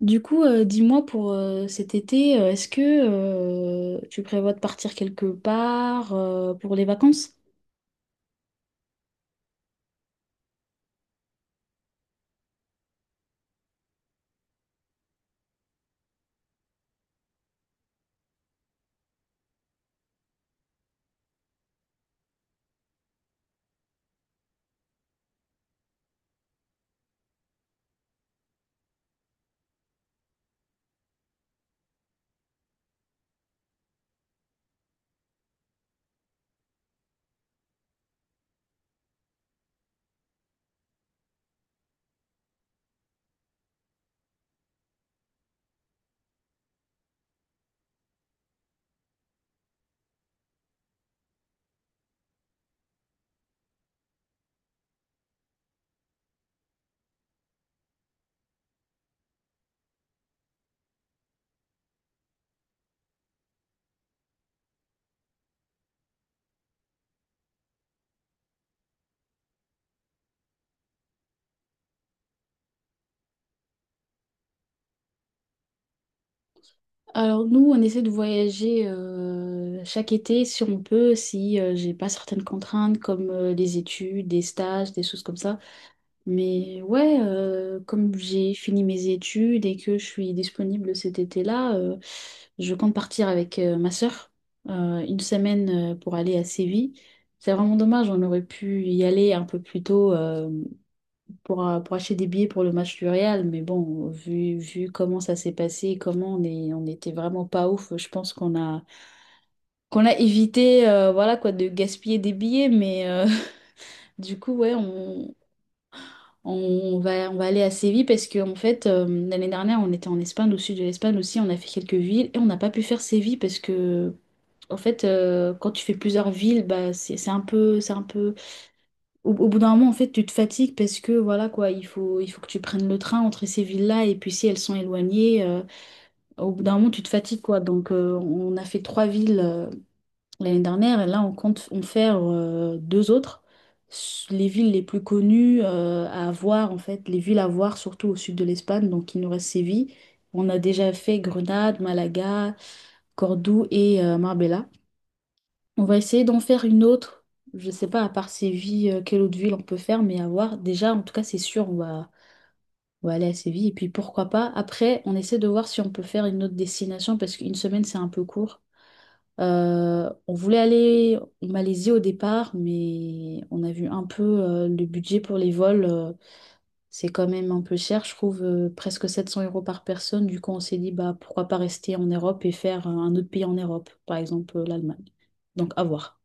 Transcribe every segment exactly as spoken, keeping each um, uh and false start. Du coup, euh, dis-moi pour euh, cet été, euh, est-ce que euh, tu prévois de partir quelque part euh, pour les vacances? Alors nous, on essaie de voyager euh, chaque été si on peut, si euh, j'ai pas certaines contraintes comme euh, les études, des stages, des choses comme ça. Mais ouais, euh, comme j'ai fini mes études et que je suis disponible cet été-là, euh, je compte partir avec euh, ma sœur euh, une semaine euh, pour aller à Séville. C'est vraiment dommage, on aurait pu y aller un peu plus tôt euh, pour, euh, pour acheter des billets pour le match du Real, mais bon, vu, vu comment ça s'est passé, comment on est, on était vraiment pas ouf. Je pense qu'on a, qu'on a évité euh, voilà quoi, de gaspiller des billets, mais euh, du coup, ouais, on, on va, on va aller à Séville parce que en fait, euh, l'année dernière, on était en Espagne, au sud de l'Espagne aussi, on a fait quelques villes et on n'a pas pu faire Séville parce que, en fait, euh, quand tu fais plusieurs villes, bah, c'est c'est un peu, c'est un peu… Au, au bout d'un moment, en fait, tu te fatigues parce que, voilà, quoi, il faut, il faut que tu prennes le train entre ces villes-là, et puis si elles sont éloignées, euh, au bout d'un moment, tu te fatigues, quoi. Donc, euh, on a fait trois villes, euh, l'année dernière, et là, on compte en faire euh, deux autres. S- Les villes les plus connues euh, à voir, en fait, les villes à voir, surtout au sud de l'Espagne. Donc, il nous reste Séville. On a déjà fait Grenade, Malaga, Cordoue et euh, Marbella. On va essayer d'en faire une autre. Je sais pas, à part Séville, euh, quelle autre ville on peut faire, mais à voir. Déjà, en tout cas, c'est sûr, on va, on va aller à Séville. Et puis, pourquoi pas. Après, on essaie de voir si on peut faire une autre destination parce qu'une semaine, c'est un peu court. Euh, on voulait aller en Malaisie au départ, mais on a vu un peu euh, le budget pour les vols. Euh, c'est quand même un peu cher, je trouve, euh, presque sept cents euros par personne. Du coup, on s'est dit, bah, pourquoi pas rester en Europe et faire euh, un autre pays en Europe, par exemple euh, l'Allemagne. Donc, à voir.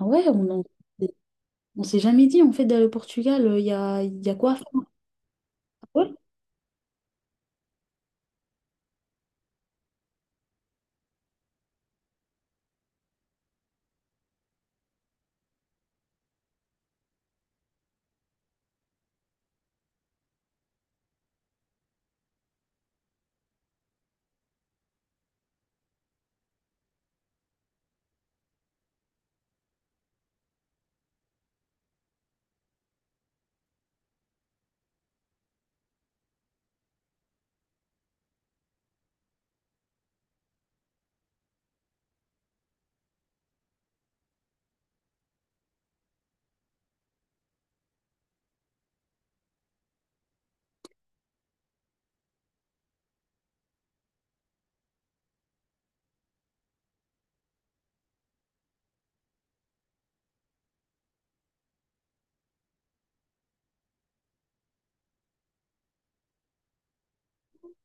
Ah ouais, on, en- on s'est jamais dit, en fait, d'aller au Portugal. Euh, il y a, y a quoi à faire? Ouais,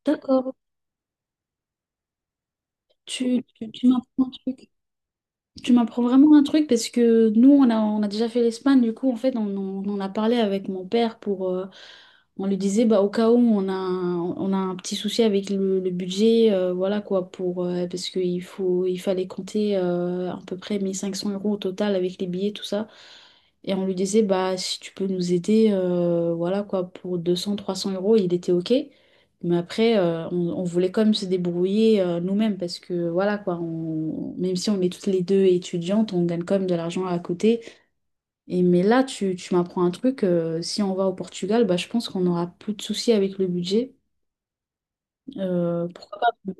d'accord. Tu, tu, tu m'apprends un truc. Tu m'apprends vraiment un truc parce que nous, on a, on a déjà fait l'Espagne, du coup, en fait, on, on, on a parlé avec mon père pour… euh, on lui disait, bah, au cas où on a, un- on a un petit souci avec le, le budget, euh, voilà quoi, pour, euh, parce qu'il faut, il fallait compter euh, à peu près mille cinq cents euros au total avec les billets, tout ça. Et on lui disait, bah, si tu peux nous aider, euh, voilà quoi, pour deux cents trois cents euros, il était OK. Mais après, euh, on, on voulait quand même se débrouiller euh, nous-mêmes parce que voilà quoi, on, même si on est toutes les deux étudiantes, on gagne quand même de l'argent à côté. Et mais là, tu, tu m'apprends un truc, euh, si on va au Portugal, bah, je pense qu'on n'aura plus de soucis avec le budget. Euh, pourquoi pas?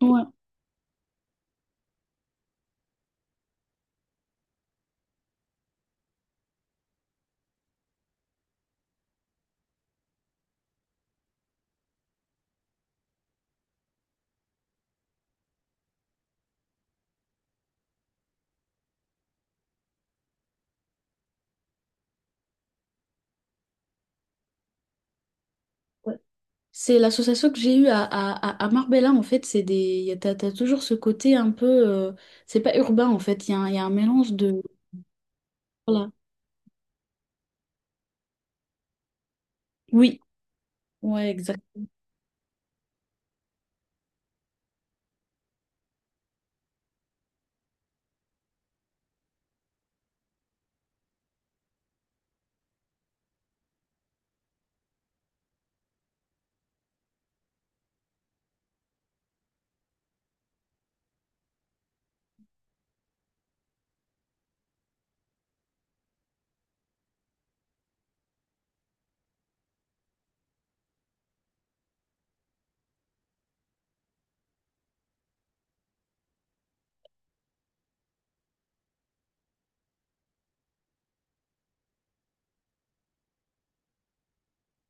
Ouais. Ouais. C'est l'association que j'ai eue à, à, à à Marbella, en fait, c'est des, y a- t'as, t'as toujours ce côté un peu, euh, c'est pas urbain en fait, il y a, un- il y a un mélange de, voilà. Oui, ouais.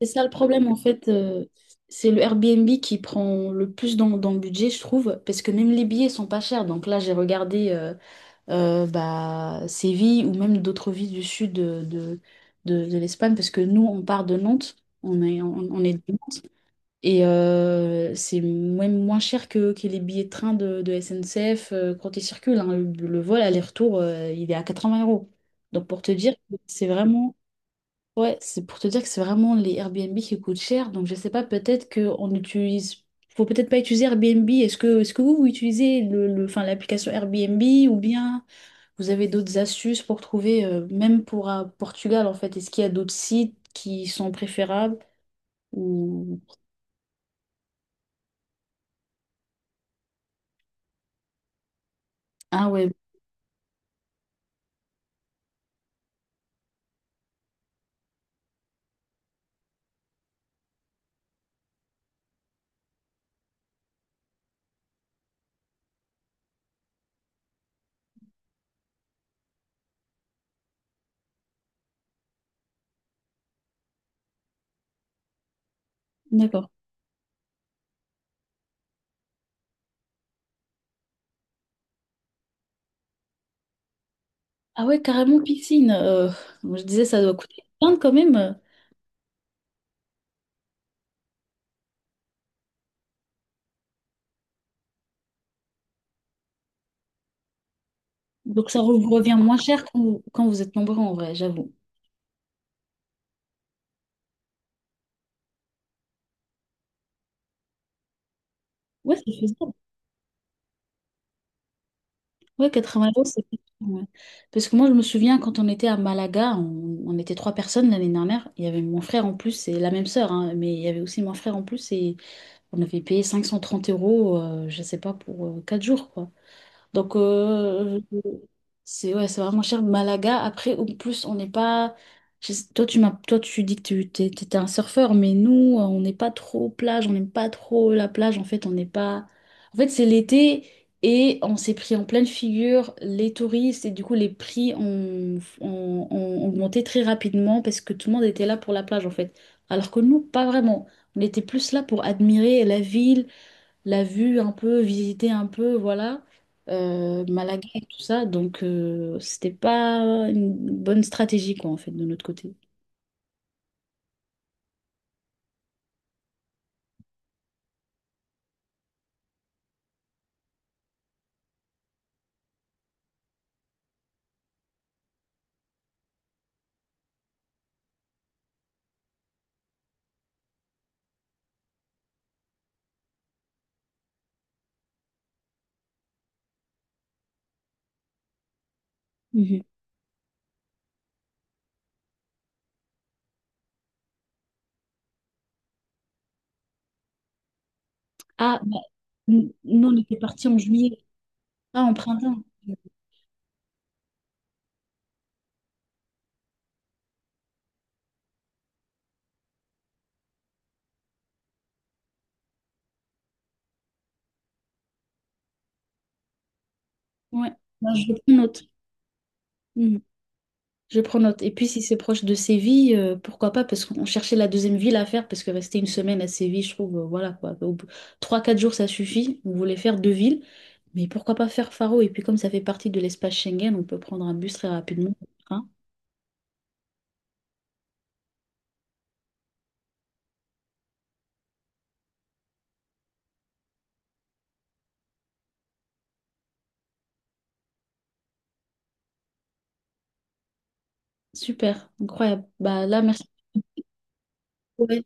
C'est ça le problème en fait, euh, c'est le Airbnb qui prend le plus dans, dans le budget, je trouve, parce que même les billets sont pas chers. Donc là, j'ai regardé euh, euh, bah, Séville ou même d'autres villes du sud de, de, de- de l'Espagne, parce que nous, on part de Nantes, on est, on, on est de Nantes, et euh, c'est même moins cher que, que les billets de train de, de S N C F euh, quand ils circulent, hein. Le, le vol aller-retour, euh, il est à quatre-vingts euros. Donc pour te dire, que c'est vraiment… Ouais, c'est pour te dire que c'est vraiment les Airbnb qui coûtent cher. Donc je sais pas, peut-être qu'on utilise. Faut peut-être pas utiliser Airbnb. Est-ce que, est-ce que vous, vous utilisez le, le- enfin, l'application Airbnb ou bien vous avez d'autres astuces pour trouver, euh, même pour euh, Portugal en fait, est-ce qu'il y a d'autres sites qui sont préférables ou… Ah ouais, d'accord. Ah ouais, carrément piscine. Euh, moi, je disais ça doit coûter plein quand même. Euh, donc ça vous revient moins cher quand vous, quand vous êtes nombreux en vrai, j'avoue. Ouais, c'est faisable. Ouais, quatre-vingts euros, c'est pas cher, ouais. Parce que moi, je me souviens quand on était à Malaga, on, on était trois personnes l'année dernière. Il y avait mon frère en plus et la même sœur, hein, mais il y avait aussi mon frère en plus, et on avait payé cinq cent trente euros, euh, je sais pas, pour euh, quatre jours, quoi. Donc, euh, c'est ouais, c'est vraiment cher. Malaga, après, en plus, on n'est pas. Je sais- toi, tu m'as, toi, tu dis que tu t'es- t'étais un surfeur, mais nous, euh, on n'est pas trop plage, on n'aime pas trop la plage. En fait, on n'est pas. En fait, c'est l'été et on s'est pris en pleine figure les touristes et du coup, les prix ont, ont, ont augmenté très rapidement parce que tout le monde était là pour la plage, en fait. Alors que nous, pas vraiment. On était plus là pour admirer la ville, la vue un peu, visiter un peu, voilà, euh, Malaga et tout ça. Donc, euh, c'était pas une bonne stratégie, quoi, en fait, de notre côté. Mhm. Ah, bah, nous, nous, on était partis en juillet, pas en printemps. Ouais. Bah, je prends note. Je prends note. Et puis, si c'est proche de Séville, euh, pourquoi pas? Parce qu'on cherchait la deuxième ville à faire, parce que rester une semaine à Séville, je trouve, euh, voilà quoi. Au bout- trois, quatre jours, ça suffit. On voulait faire deux villes, mais pourquoi pas faire Faro? Et puis, comme ça fait partie de l'espace Schengen, on peut prendre un bus très rapidement. Hein? Super, incroyable. Bah là, merci. Ouais.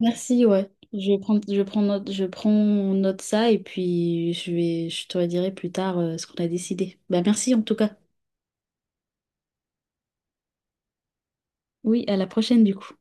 Merci, ouais. Je prends, je prends note, je prends note ça, et puis je vais, je te redirai plus tard, euh, ce qu'on a décidé. Bah merci en tout cas. Oui, à la prochaine du coup.